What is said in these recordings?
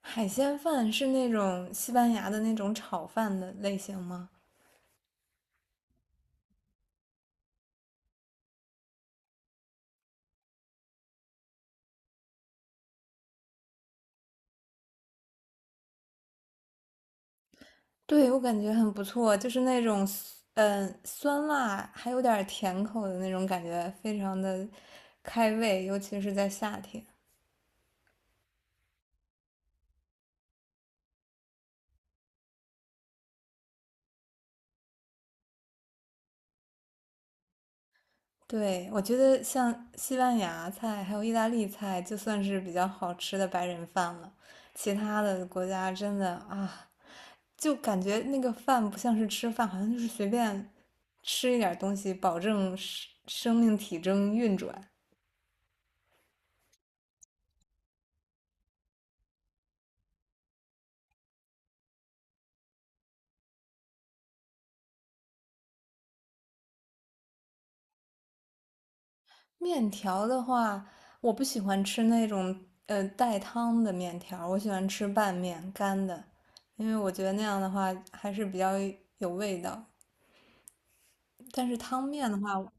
海鲜饭是那种西班牙的那种炒饭的类型吗？对，我感觉很不错，就是那种酸辣还有点甜口的那种感觉，非常的开胃，尤其是在夏天。对，我觉得像西班牙菜还有意大利菜，就算是比较好吃的白人饭了。其他的国家真的啊，就感觉那个饭不像是吃饭，好像就是随便吃一点东西，保证生命体征运转。面条的话，我不喜欢吃那种带汤的面条，我喜欢吃拌面干的，因为我觉得那样的话还是比较有味道。但是汤面的话，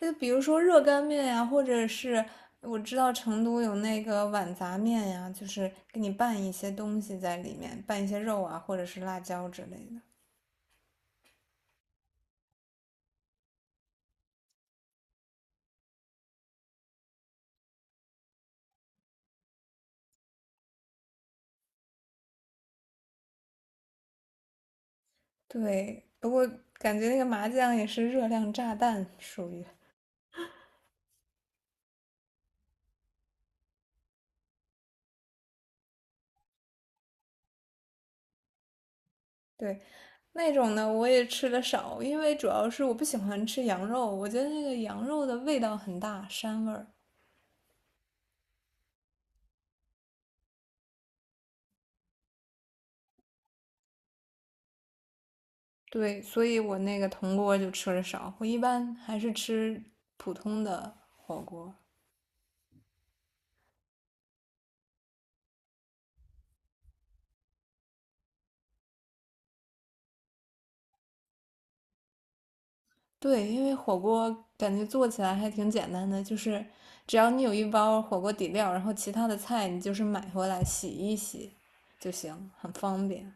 就比如说热干面呀，或者是我知道成都有那个碗杂面呀，就是给你拌一些东西在里面，拌一些肉啊，或者是辣椒之类的。对，不过感觉那个麻酱也是热量炸弹，属于。对，那种呢我也吃的少，因为主要是我不喜欢吃羊肉，我觉得那个羊肉的味道很大，膻味儿。对，所以我那个铜锅就吃的少，我一般还是吃普通的火锅。对，因为火锅感觉做起来还挺简单的，就是只要你有一包火锅底料，然后其他的菜你就是买回来洗一洗就行，很方便。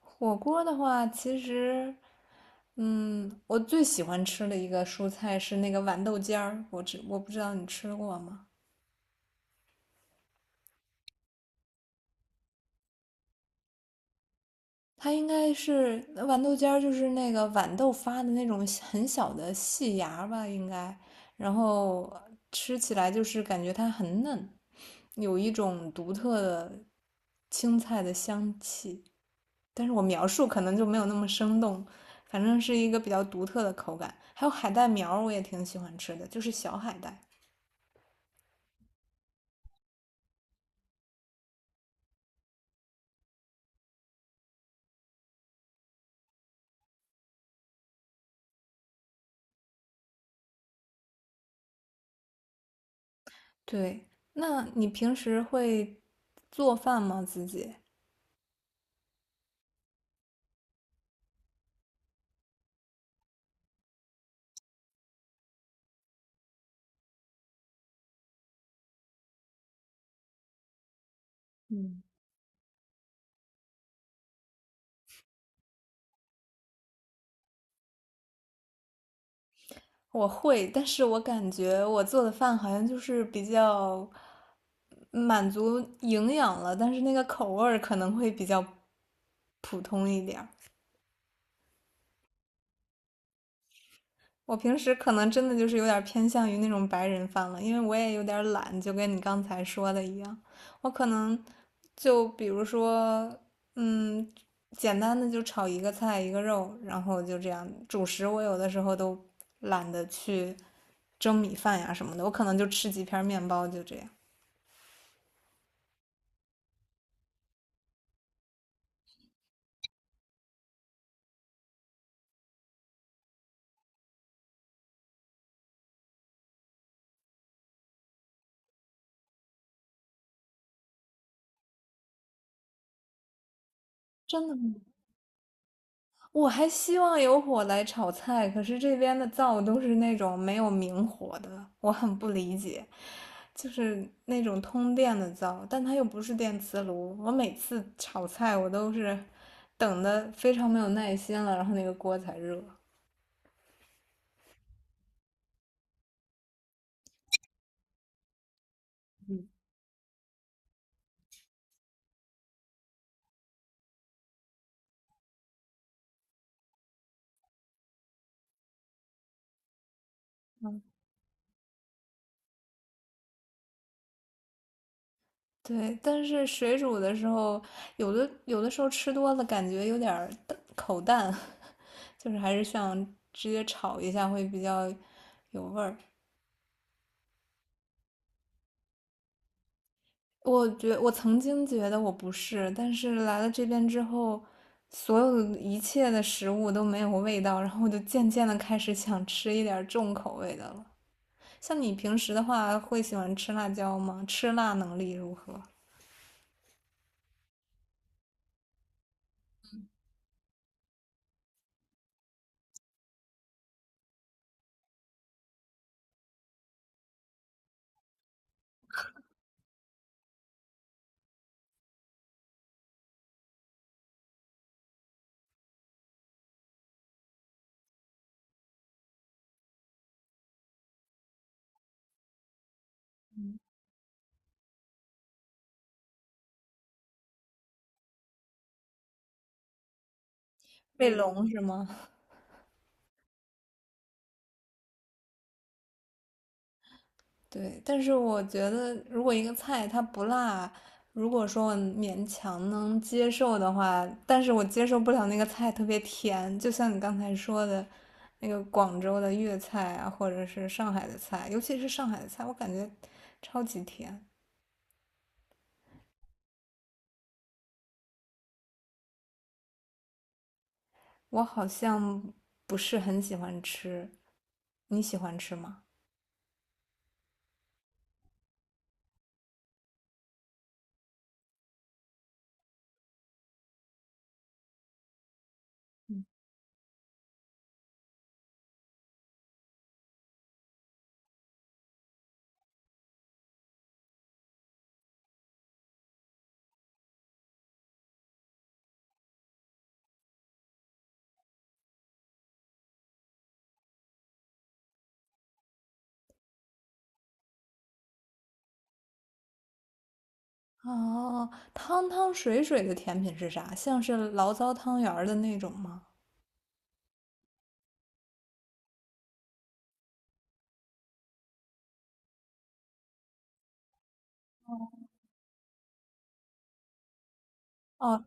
火锅的话，其实嗯，我最喜欢吃的一个蔬菜是那个豌豆尖儿，我不知道你吃过吗？它应该是豌豆尖儿，就是那个豌豆发的那种很小的细芽吧，应该。然后吃起来就是感觉它很嫩，有一种独特的青菜的香气。但是我描述可能就没有那么生动，反正是一个比较独特的口感。还有海带苗儿，我也挺喜欢吃的，就是小海带。对，那你平时会做饭吗？自己我会，但是我感觉我做的饭好像就是比较满足营养了，但是那个口味儿可能会比较普通一点儿。我平时可能真的就是有点偏向于那种白人饭了，因为我也有点懒，就跟你刚才说的一样，我可能就比如说，嗯，简单的就炒一个菜一个肉，然后就这样。主食我有的时候都懒得去蒸米饭呀什么的，我可能就吃几片面包就这样。真的吗？我还希望有火来炒菜，可是这边的灶都是那种没有明火的，我很不理解，就是那种通电的灶，但它又不是电磁炉。我每次炒菜，我都是等的非常没有耐心了，然后那个锅才热。对，但是水煮的时候，有的时候吃多了，感觉有点口淡，就是还是想直接炒一下会比较有味儿。我曾经觉得我不是，但是来了这边之后，所有的一切的食物都没有味道，然后我就渐渐的开始想吃一点儿重口味的了。像你平时的话，会喜欢吃辣椒吗？吃辣能力如何？卫龙是吗？对，但是我觉得，如果一个菜它不辣，如果说我勉强能接受的话，但是我接受不了那个菜特别甜，就像你刚才说的，那个广州的粤菜啊，或者是上海的菜，尤其是上海的菜，我感觉超级甜，我好像不是很喜欢吃。你喜欢吃吗？哦，汤汤水水的甜品是啥？像是醪糟汤圆儿的那种吗？哦。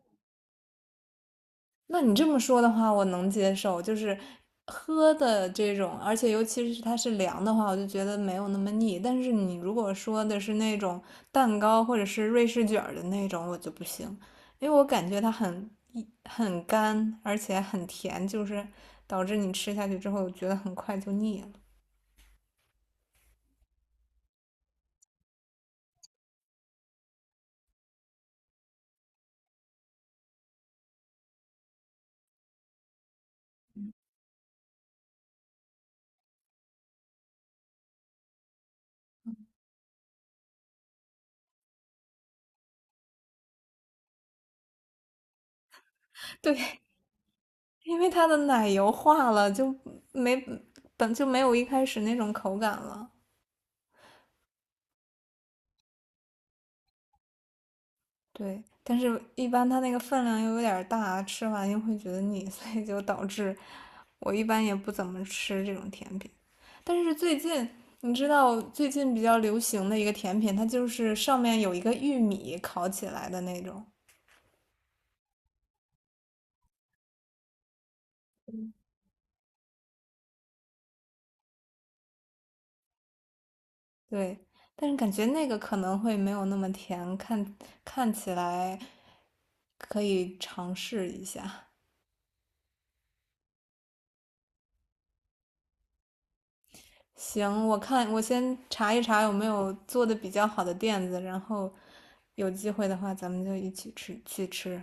那你这么说的话，我能接受，就是喝的这种，而且尤其是它是凉的话，我就觉得没有那么腻。但是你如果说的是那种蛋糕或者是瑞士卷儿的那种，我就不行，因为我感觉它很很干，而且很甜，就是导致你吃下去之后我觉得很快就腻了。对，因为它的奶油化了，就没本就没有一开始那种口感了。对，但是一般它那个分量又有点儿大，吃完又会觉得腻，所以就导致我一般也不怎么吃这种甜品。但是最近，你知道最近比较流行的一个甜品，它就是上面有一个玉米烤起来的那种，对。但是感觉那个可能会没有那么甜，看起来可以尝试一下。行，我看我先查一查有没有做的比较好的店子，然后有机会的话咱们就一起吃去吃。